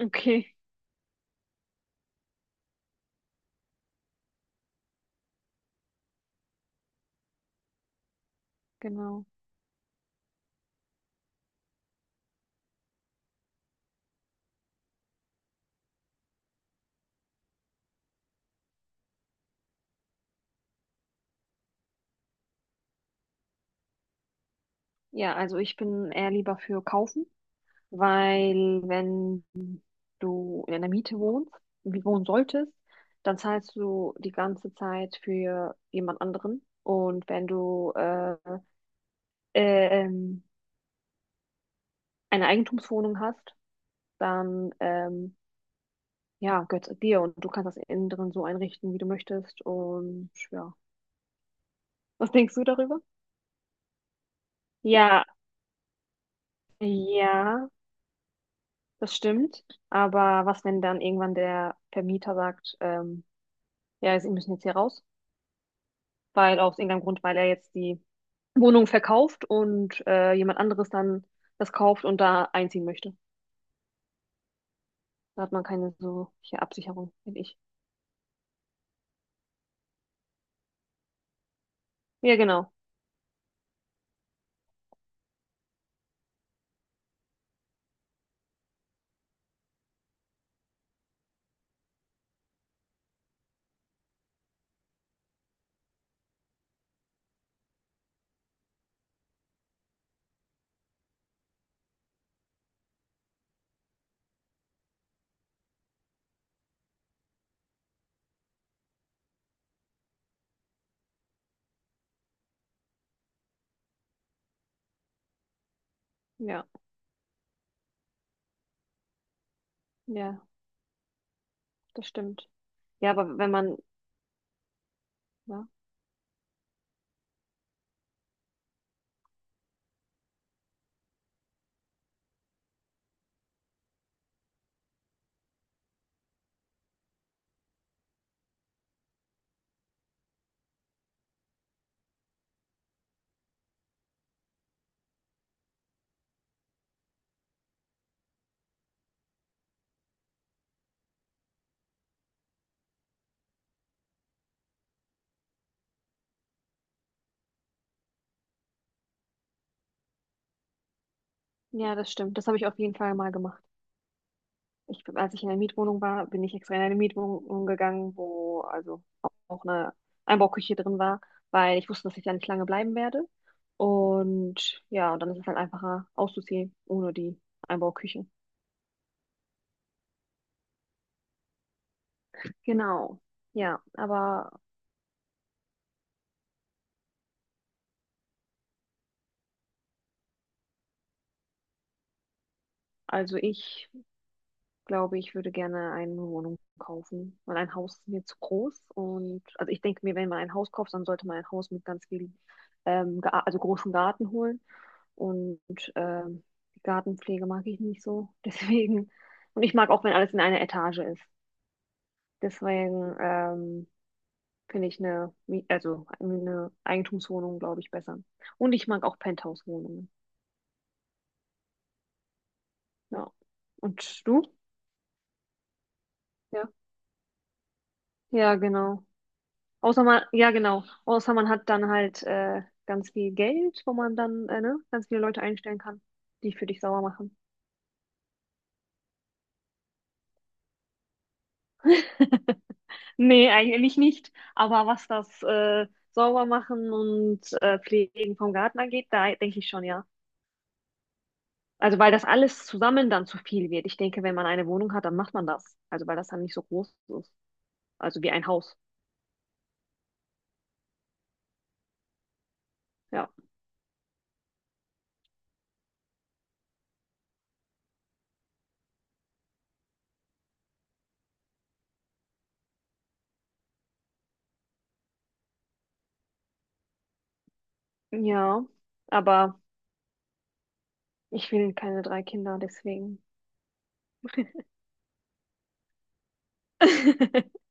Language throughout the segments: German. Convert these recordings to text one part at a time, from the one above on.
Okay, genau. Ja, also ich bin eher lieber für kaufen, weil wenn du in einer Miete wohnst, wie wohnen solltest, dann zahlst du die ganze Zeit für jemand anderen. Und wenn du ähm, eine Eigentumswohnung hast, dann ja, gehört es dir und du kannst das innen drin so einrichten, wie du möchtest. Und ja, was denkst du darüber? Ja, ja. Das stimmt. Aber was, wenn dann irgendwann der Vermieter sagt, ja, Sie müssen jetzt hier raus, weil aus irgendeinem Grund, weil er jetzt die Wohnung verkauft und jemand anderes dann das kauft und da einziehen möchte. Da hat man keine so hier Absicherung, finde ich. Ja, genau. Ja, ja, das stimmt. Ja, aber wenn man, ja, ja, das stimmt. Das habe ich auf jeden Fall mal gemacht. Ich, als ich in der Mietwohnung war, bin ich extra in eine Mietwohnung gegangen, wo also auch eine Einbauküche drin war, weil ich wusste, dass ich da nicht lange bleiben werde. Und ja, und dann ist es halt einfacher auszuziehen ohne die Einbauküche. Genau. Ja, aber also ich glaube, ich würde gerne eine Wohnung kaufen, weil ein Haus ist mir zu groß. Und also ich denke mir, wenn man ein Haus kauft, dann sollte man ein Haus mit ganz viel, also großen Garten holen. Und ähm, die Gartenpflege mag ich nicht so. Deswegen. Und ich mag auch, wenn alles in einer Etage ist. Deswegen finde ich also eine Eigentumswohnung, glaube ich, besser. Und ich mag auch Penthouse-Wohnungen. Ja. Und du? Ja. Ja, genau. Außer man, ja, genau. Außer man hat dann halt ganz viel Geld, wo man dann ne, ganz viele Leute einstellen kann, die für dich sauer machen. Nee, eigentlich nicht. Aber was das Saubermachen und Pflegen vom Garten angeht, da denke ich schon, ja. Also weil das alles zusammen dann zu viel wird. Ich denke, wenn man eine Wohnung hat, dann macht man das. Also weil das dann nicht so groß ist. Also wie ein Haus. Ja. Ja. Aber ich will keine drei Kinder, deswegen.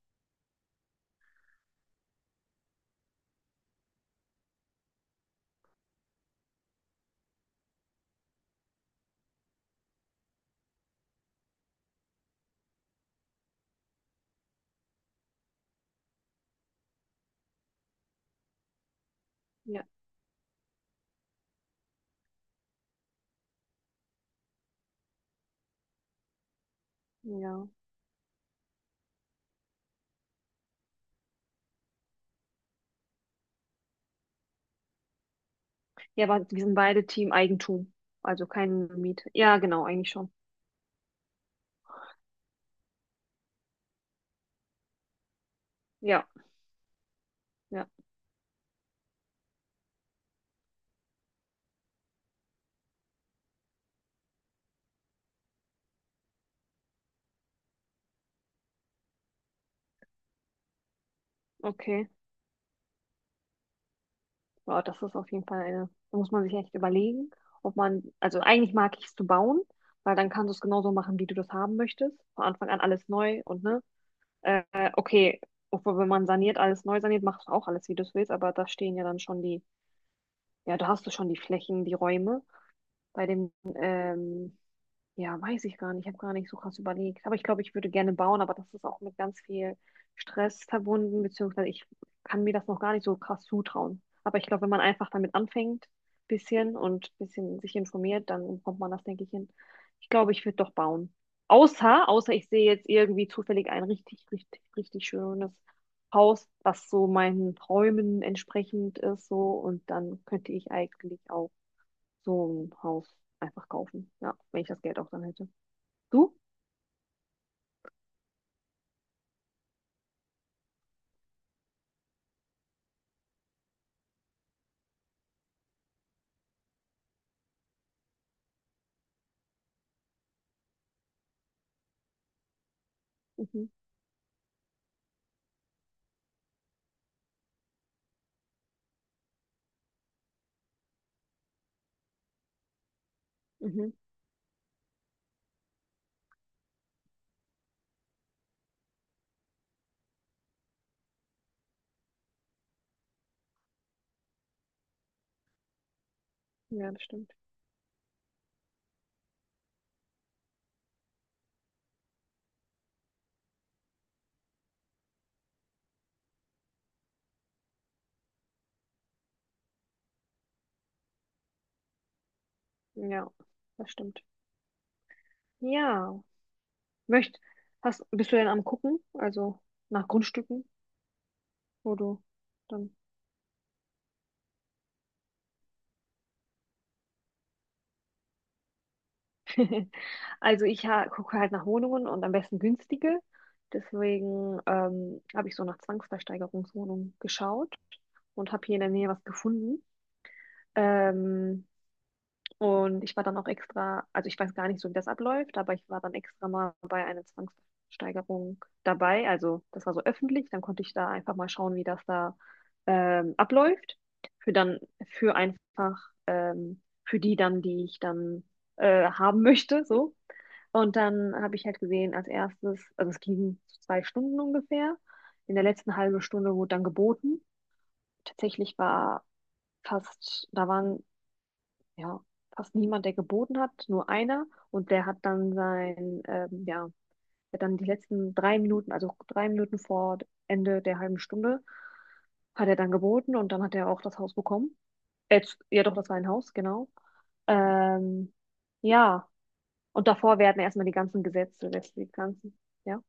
Ja, ja. Ja, aber wir sind beide Team Eigentum. Also kein Miete. Ja, genau, eigentlich schon. Ja, ja. Okay. Wow, das ist auf jeden Fall da muss man sich echt überlegen, ob man, also eigentlich mag ich es zu bauen, weil dann kannst du es genauso machen, wie du das haben möchtest. Von Anfang an alles neu und ne, äh, okay, obwohl wenn man saniert, alles neu saniert, machst du auch alles, wie du es willst, aber da stehen ja dann schon die, ja, da hast du schon die Flächen, die Räume. Bei dem Ja, weiß ich gar nicht. Ich habe gar nicht so krass überlegt. Aber ich glaube, ich würde gerne bauen, aber das ist auch mit ganz viel Stress verbunden, beziehungsweise ich kann mir das noch gar nicht so krass zutrauen. Aber ich glaube, wenn man einfach damit anfängt, bisschen und bisschen sich informiert, dann kommt man das, denke ich, hin. Ich glaube, ich würde doch bauen. Außer, außer ich sehe jetzt irgendwie zufällig ein richtig, richtig, richtig schönes Haus, was so meinen Träumen entsprechend ist, so. Und dann könnte ich eigentlich auch so ein Haus einfach kaufen. Ja, wenn ich das Geld auch dann hätte. Du? Mhm. Mhm. Ja, das stimmt. Ja, das stimmt. Ja. Möcht, Bist du denn am Gucken? Also nach Grundstücken, wo du dann. Also ich ha gucke halt nach Wohnungen und am besten günstige. Deswegen habe ich so nach Zwangsversteigerungswohnungen geschaut und habe hier in der Nähe was gefunden. Ähm, Und ich war dann auch extra, also ich weiß gar nicht so, wie das abläuft, aber ich war dann extra mal bei einer Zwangsversteigerung dabei. Also das war so öffentlich, dann konnte ich da einfach mal schauen, wie das da abläuft. Für dann, für einfach, für die dann, die ich dann haben möchte, so. Und dann habe ich halt gesehen, als erstes, also es ging so 2 Stunden ungefähr. In der letzten halben Stunde wurde dann geboten. Tatsächlich war fast, da waren ja, fast niemand, der geboten hat, nur einer. Und der hat dann die letzten 3 Minuten, also 3 Minuten vor Ende der halben Stunde, hat er dann geboten und dann hat er auch das Haus bekommen. Äh, ja, doch, das war ein Haus, genau. Ähm, ja, und davor werden erstmal die ganzen Gesetze, letztlich die ganzen, ja.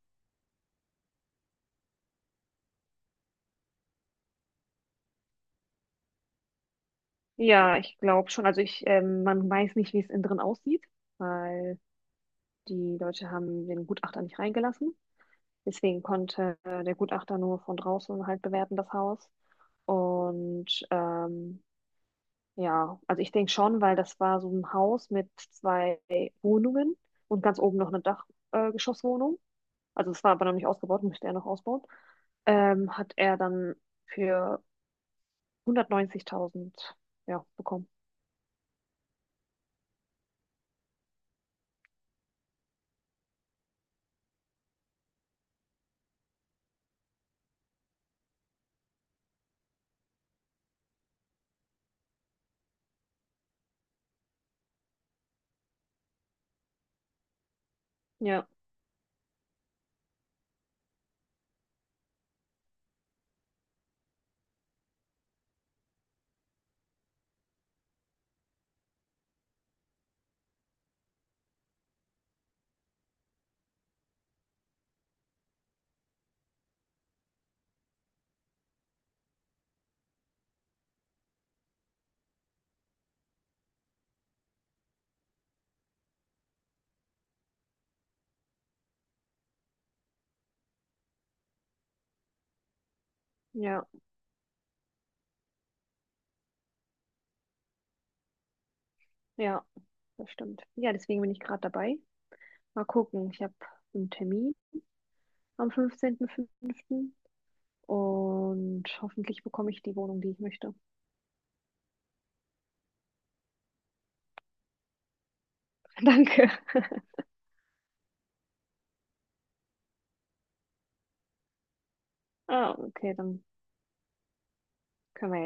Ja, ich glaube schon. Also man weiß nicht, wie es innen drin aussieht, weil die Leute haben den Gutachter nicht reingelassen. Deswegen konnte der Gutachter nur von draußen halt bewerten, das Haus. Und ja, also ich denke schon, weil das war so ein Haus mit zwei Wohnungen und ganz oben noch eine Dachgeschosswohnung. Geschosswohnung. Also es war aber noch nicht ausgebaut, müsste er noch ausbauen. Hat er dann für 190.000, ja, bekommen. Ja, ja, ja, das stimmt. Ja, deswegen bin ich gerade dabei. Mal gucken, ich habe einen Termin am 15.05. Und hoffentlich bekomme ich die Wohnung, die ich möchte. Danke. Ah, okay, dann können wir ja